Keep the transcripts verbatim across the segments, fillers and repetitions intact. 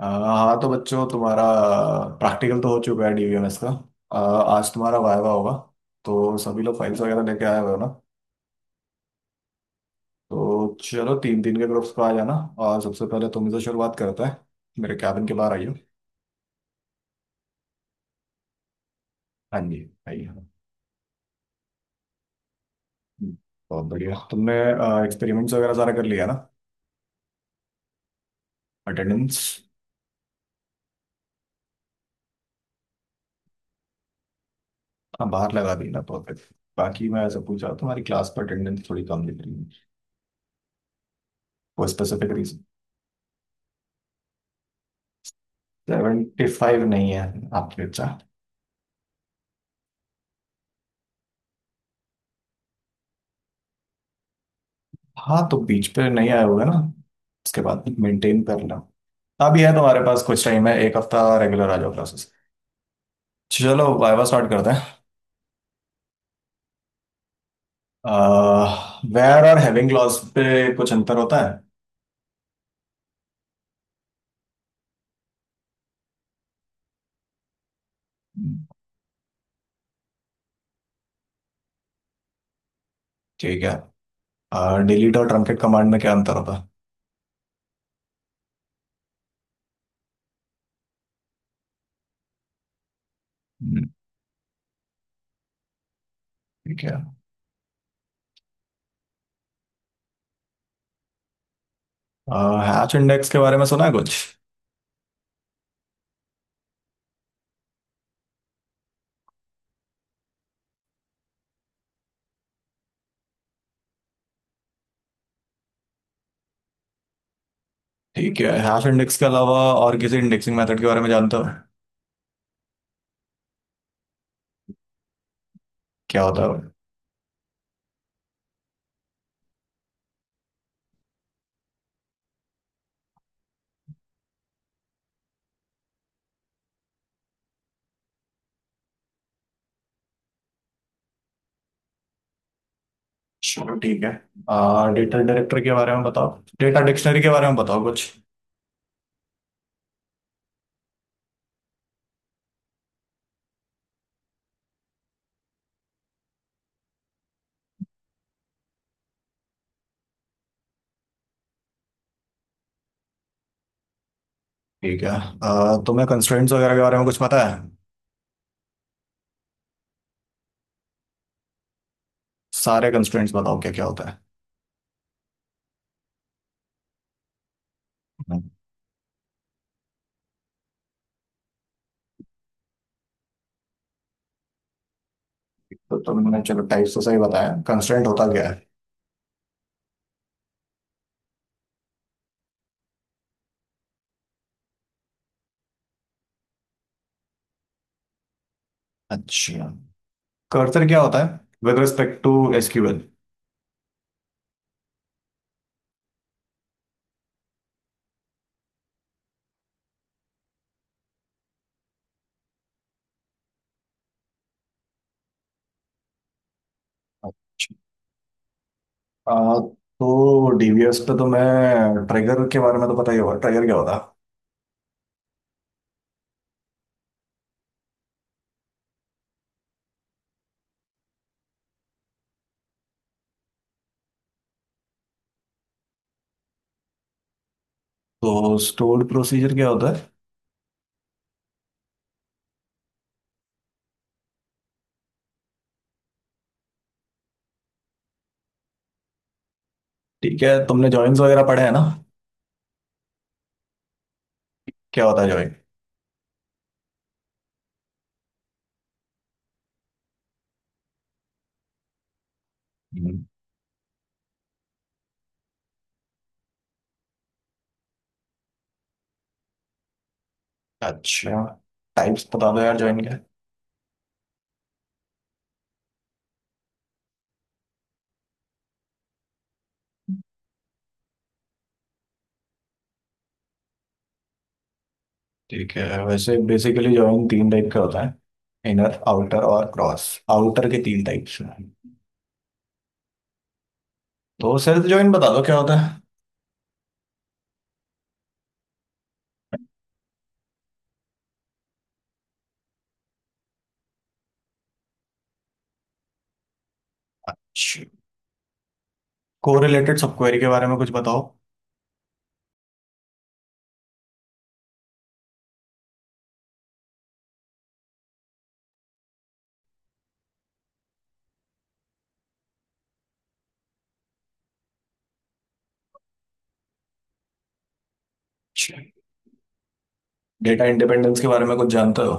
अ, हाँ तो बच्चों, तुम्हारा प्रैक्टिकल तो हो चुका है डीवीएमएस का। अ, आज तुम्हारा वाइवा होगा, तो सभी लोग फाइल्स वगैरह लेके आए हुए हो ना? तो चलो तीन तीन के ग्रुप्स पर आ जाना। और सबसे पहले तुम से शुरुआत करता है। मेरे कैबिन के बाहर आइयो। हाँ जी, आइए। हम्म, बहुत बढ़िया, तुमने एक्सपेरिमेंट्स वगैरह सारा कर लिया ना? अटेंडेंस? हाँ बाहर लगा दी ना, परफेक्ट। बाकी मैं ऐसा पूछा, तुम्हारी क्लास पर अटेंडेंस थोड़ी कम दिख रही है। वो स्पेसिफिक रीजन? सेवेंटी फाइव नहीं है आपके। अच्छा, हाँ तो बीच पे नहीं आया होगा ना। उसके बाद मेंटेन कर लो। अभी है तुम्हारे पास कुछ टाइम है, एक हफ्ता रेगुलर आ जाओ क्लासेस। चलो वाइवा स्टार्ट करते हैं। वेयर और हैविंग क्लॉज पे कुछ अंतर होता है? ठीक है। डिलीट और ट्रंकेट कमांड में क्या अंतर होता है? हम्म, ठीक है। हैश इंडेक्स के बारे में सुना है कुछ? ठीक है, हैश इंडेक्स के अलावा और किसी इंडेक्सिंग मेथड के बारे में जानते हो? क्या होता है वो? चलो ठीक है। डेटा डायरेक्टर के बारे में बताओ, डेटा डिक्शनरी के बारे में बताओ कुछ। ठीक है। अ, तुम्हें कंस्ट्रेंट्स वगैरह के बारे में कुछ पता है? सारे कंस्ट्रेंट्स बताओ क्या क्या होता है। तो तुमने चलो टाइप्स तो सही बताया, कंस्ट्रेंट होता क्या है? अच्छा। कर्सर क्या होता है विद रिस्पेक्ट टू एसक्यूएल? अच्छा। आ, तो डीबीएस पे तो मैं ट्रिगर के बारे में तो पता ही होगा, ट्रिगर क्या होता है? तो स्टोर्ड प्रोसीजर क्या होता है? ठीक है, तुमने जॉइंस वगैरह पढ़े हैं ना? क्या होता है जॉइन? अच्छा। टाइप्स बता दो यार जॉइन के। ठीक है, वैसे बेसिकली जॉइन तीन टाइप का होता है। इनर आउटर और क्रॉस। आउटर के तीन टाइप्स हैं। तो सेल्फ जॉइन बता दो क्या होता है। कोरिलेटेड सब क्वेरी के बारे में कुछ बताओ। डेटा इंडिपेंडेंस के बारे में कुछ जानते हो?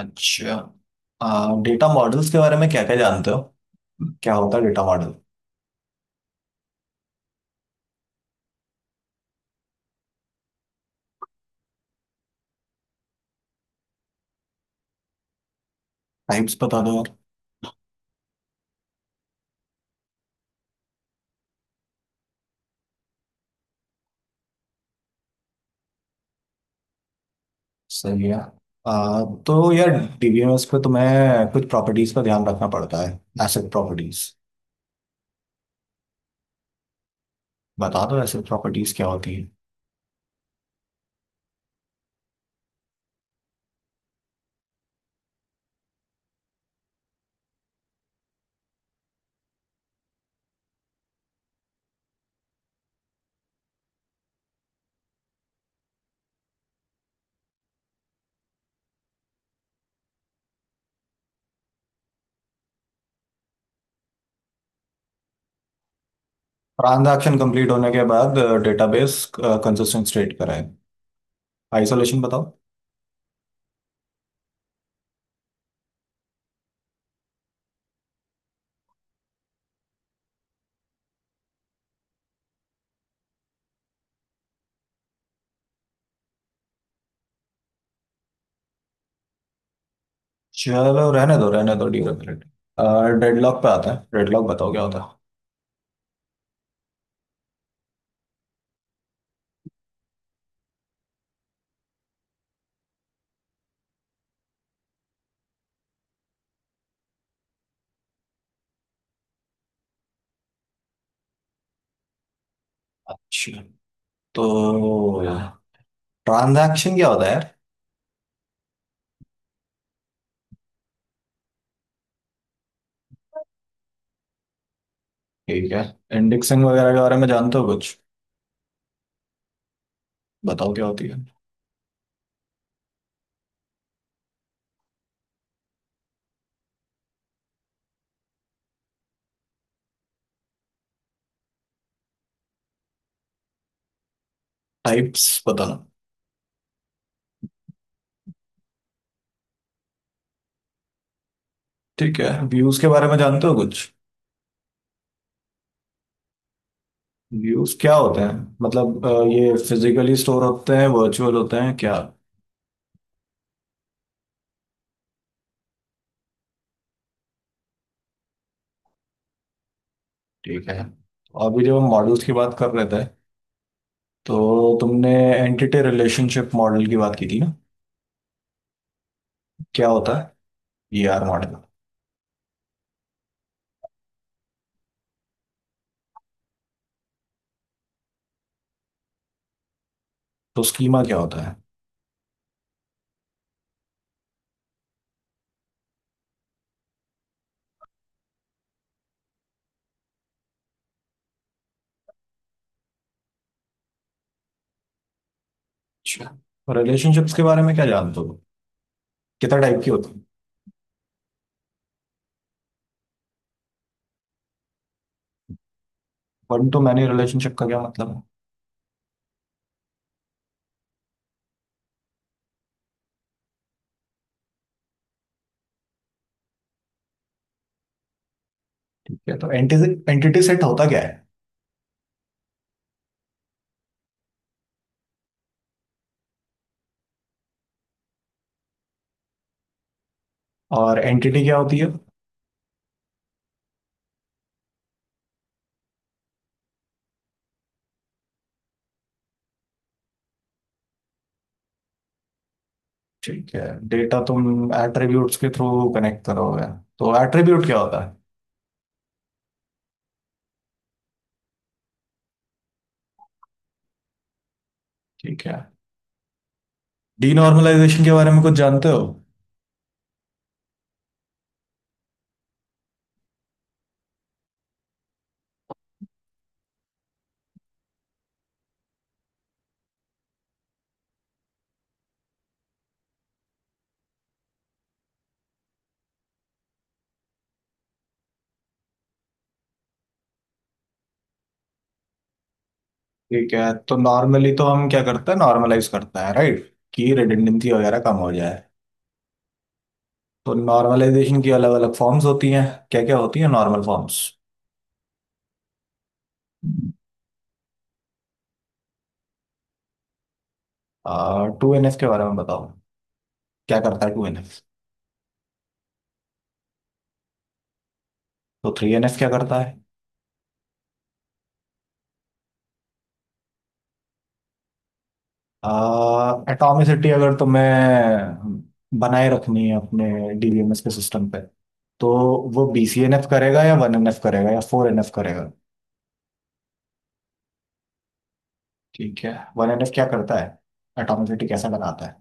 अच्छा। डेटा मॉडल्स के बारे में क्या क्या जानते हो? क्या होता है डेटा मॉडल? टाइप्स बता दो यार। सही है। आ, तो यार, डीबीएमएस पे तुम्हें कुछ प्रॉपर्टीज का ध्यान रखना पड़ता है, एसेट प्रॉपर्टीज। बता दो एसेट प्रॉपर्टीज क्या होती है। ट्रांजैक्शन कंप्लीट होने के बाद डेटाबेस कंसिस्टेंट स्टेट कराए। आइसोलेशन बताओ। चलो रहने दो रहने दो ड्यूरेबिलिटी। डेडलॉक पे आता है, डेडलॉक बताओ क्या होता है। अच्छा, तो ट्रांजैक्शन क्या होता है यार? ठीक है। इंडेक्सिंग वगैरह के बारे में जानते हो कुछ? बताओ क्या होती है। टाइप्स बताना। ठीक है, व्यूज के बारे में जानते हो कुछ? व्यूज क्या होते हैं? मतलब अ, ये फिजिकली स्टोर होते हैं, वर्चुअल होते हैं क्या? ठीक है। अभी जब हम मॉडल्स की बात कर रहे थे, तो तुमने एंटिटी रिलेशनशिप मॉडल की बात की थी ना? क्या होता है ये आर मॉडल? तो स्कीमा क्या होता है? अच्छा, रिलेशनशिप्स के बारे में क्या जानते हो? कितना टाइप की होती है? वन टू मैनी रिलेशनशिप का क्या मतलब है? ठीक है, तो एंटिटी एंटिटी सेट होता क्या है? और एंटिटी क्या होती है? ठीक है। डेटा तुम एट्रीब्यूट्स के थ्रू कनेक्ट करोगे, तो एट्रीब्यूट क्या होता है? ठीक है। डीनॉर्मलाइजेशन के बारे में कुछ जानते हो? ठीक है, तो नॉर्मली तो हम क्या करते हैं, नॉर्मलाइज करते हैं, राइट? कि रिडंडेंसी वगैरह कम हो जाए। तो नॉर्मलाइजेशन की अलग अलग फॉर्म्स होती हैं। क्या क्या होती है normal forms? Two N F के बारे में बताओ, क्या करता है टू एन एफ? तो थ्री एन एफ क्या करता है? एटॉमिसिटी अगर तुम्हें बनाए रखनी है अपने डीबीएमएस के सिस्टम पे, तो वो बी सी एन एफ करेगा या वन एन एफ करेगा या फोर एन एफ करेगा? ठीक है, वन एन एफ क्या करता है? एटॉमिसिटी कैसे लगाता है?